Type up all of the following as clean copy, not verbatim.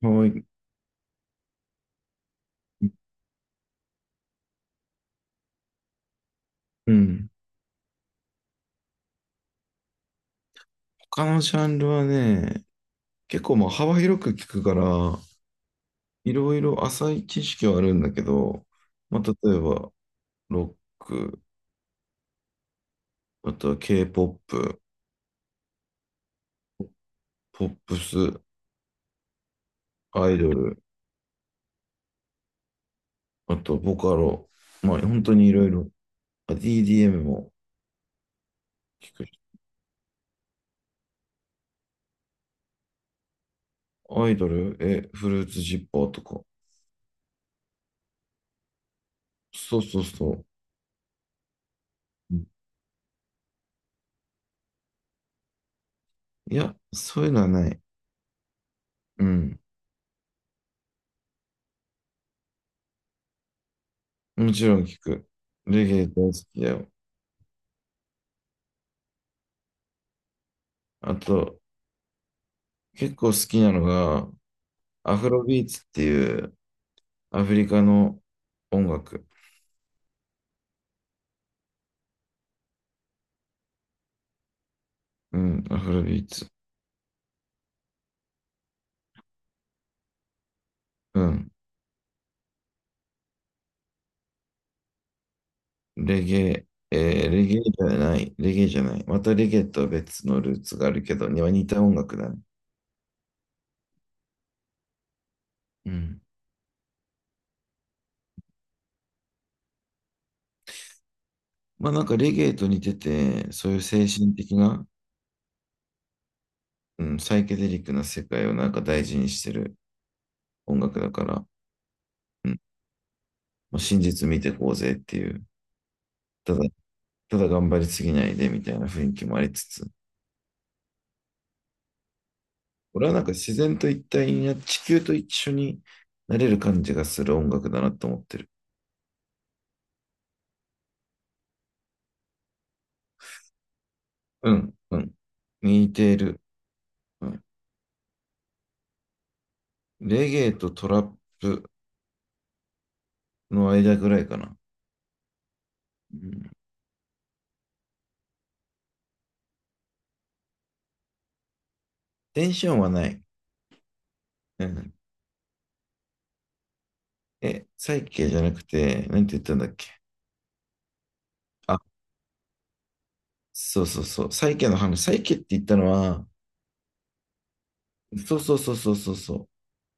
はい。うん。他のジャンルはね、結構まあ幅広く聞くから、いろいろ浅い知識はあるんだけど、まあ、例えば、ロック、あとは K-POP、ポップス、アイドル、あとボカロ、まあ本当にいろいろ、あ DDM も聞くし。アイドル、フルーツジッパーとか。そうそうそう。うん。いや、そういうのはない。うん。もちろん聞く。レゲエ大好きだよ。あと、結構好きなのが、アフロビーツっていうアフリカの音楽。うん、アフロビーツ。うん。レゲエ、レゲエじゃない、レゲエじゃない。またレゲエとは別のルーツがあるけど、には似た音楽だね。うん。まあなんかレゲエと似てて、そういう精神的な、うん、サイケデリックな世界をなんか大事にしてる音楽だから、うん。まあ、真実見てこうぜっていう。ただ、ただ頑張りすぎないでみたいな雰囲気もありつつ、俺はなんか自然と一体にな、地球と一緒になれる感じがする音楽だなと思ってる。うん、うん。似ている。うん、レゲエとトラップの間ぐらいかな。うん、テンションはない。うん、サイケじゃなくて、なんて言ったんだっけ。あ、そうそうそう。サイケの話。サイケって言ったのは、そうそうそうそうそうそう。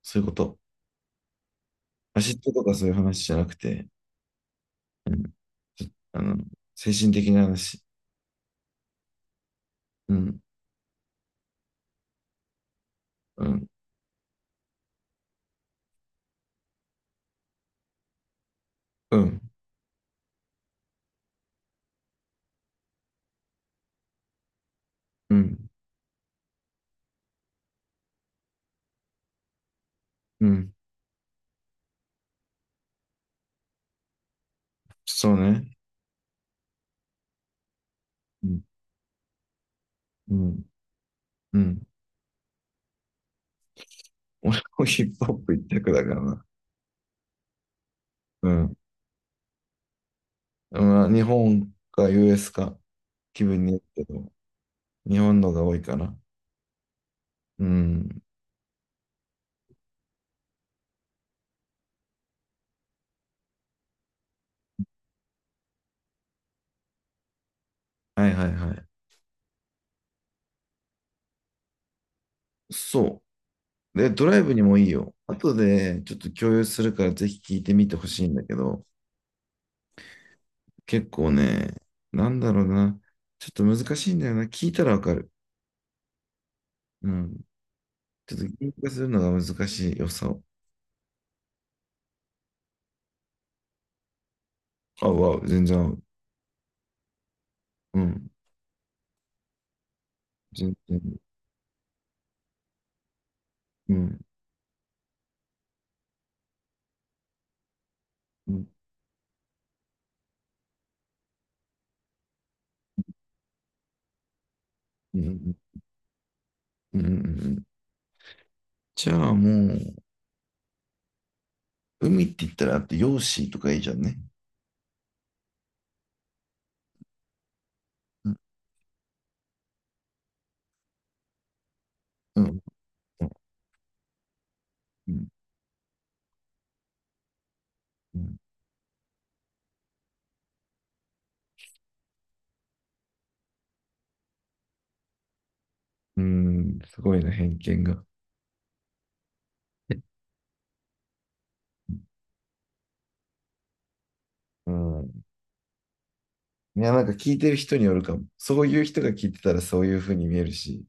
そういうこと。アシッドとかそういう話じゃなくて、うん、ちょあの、精神的な話。うん、うん、うん、うん、うん。そうね。うん。うん。うん。俺もヒップホップ一択だからな。うん。まあ、日本か US か気分によるけど、日本のが多いかな。うん。はいはいはい。そう。で、ドライブにもいいよ。後でちょっと共有するからぜひ聞いてみてほしいんだけど、結構ね、なんだろうな。ちょっと難しいんだよな。聞いたらわかる。うん。ちょっと言語化するのが難しい良さを。あ、全然合う。うん。全然。うん。うん。うん。うん、うん、うん、うん。じゃあもう、海って言ったらあって、ヨーシーとかいいじゃんね。うん、うん、うん、うん、うん。すごいな、偏見が。うん。いや、なんか聞いてる人によるかも。そういう人が聞いてたらそういう風に見えるし、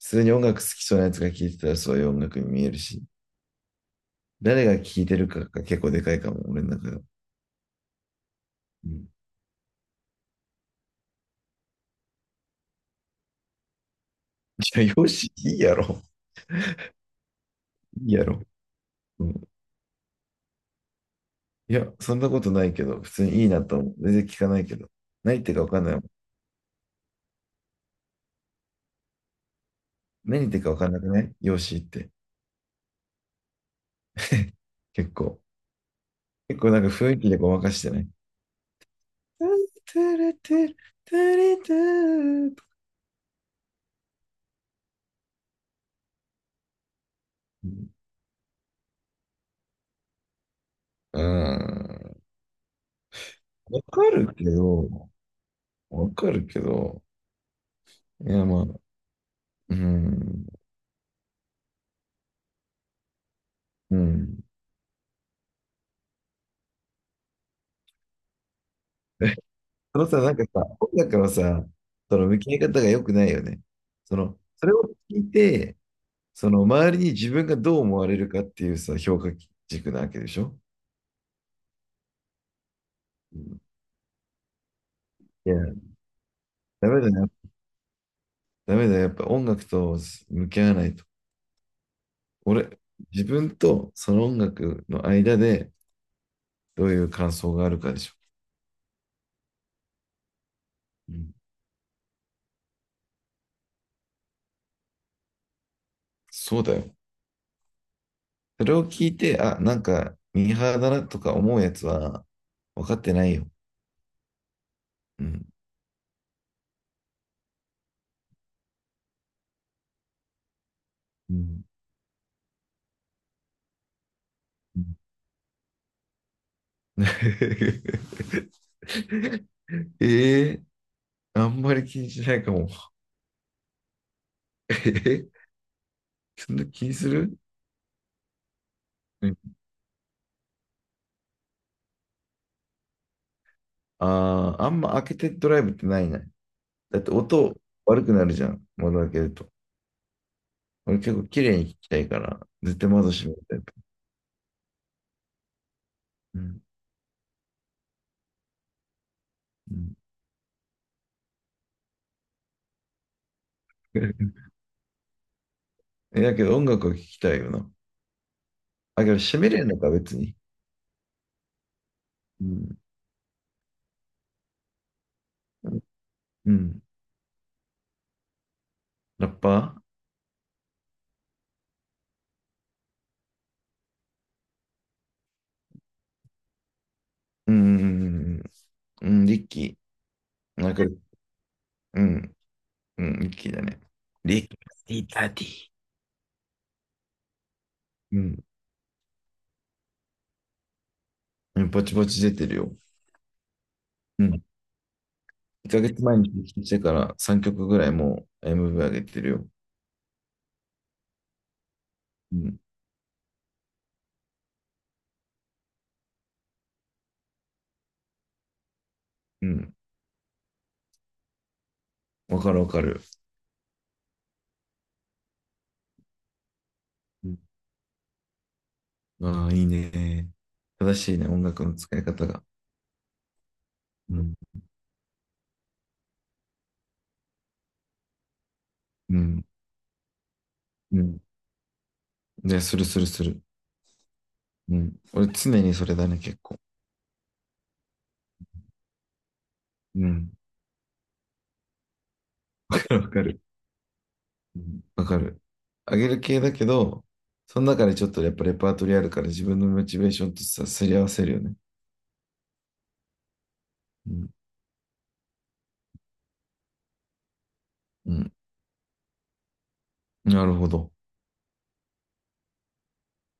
普通に音楽好きそうなやつが聞いてたらそういう音楽に見えるし、誰が聞いてるかが結構でかいかも、俺の中では。うん。いや、ヨーシーいいやろ。いいやろ。うん。いや、そんなことないけど、普通にいいなと思う。全然聞かないけど。ないってかわかんない。何言ってるか分かんなくない容姿って。結構。結構なんか雰囲気でごまかしてね。トゥルトゥルトゥルトゥル。うん。わかるけど、わかるけど、いやまあ、うん、うん。えそのさ、なんかさ、音楽のさ、その向き合い方が良くないよね。それを聞いて、その周りに自分がどう思われるかっていうさ、評価軸なわけでしょ。うん。いや、ダメだね。ダメだよ、やっぱ音楽と向き合わないと。俺、自分とその音楽の間でどういう感想があるかでしょ。うん。そうだよ。それを聞いて、あ、なんか、ミーハーだなとか思うやつは分かってないよ。うん。うん。ええ、あんまり気にしないかも。えーそんな気にする？うん。ああ、あんま開けてドライブってないない。だって音悪くなるじゃん、窓開けると。俺結構綺麗に聞きたいから、絶対窓閉めるタイプ。うん。うん、だけど音楽を聞きたいよな。あ、けど閉めれんのか、別に。うん。うん。ラッパー。うん。うん、リッキー。なんか、うん。うん、リッキーだね。リッキーダディ。うん。うん、ぼちぼち出てるよ。うん。1ヶ月前に聞いてから3曲ぐらいもう MV 上げてるよ。うん。うん。わかるわかる。うん、ああ、いいね。正しいね、音楽の使い方が。うん、うん。うん。ね、するするする。うん。俺常にそれだね、結構。うん。わかる。うん、わかる。あげる系だけど、その中でちょっとやっぱレパートリーあるから自分のモチベーションとさ、すり合わせるよね。うん。うん。なるほど。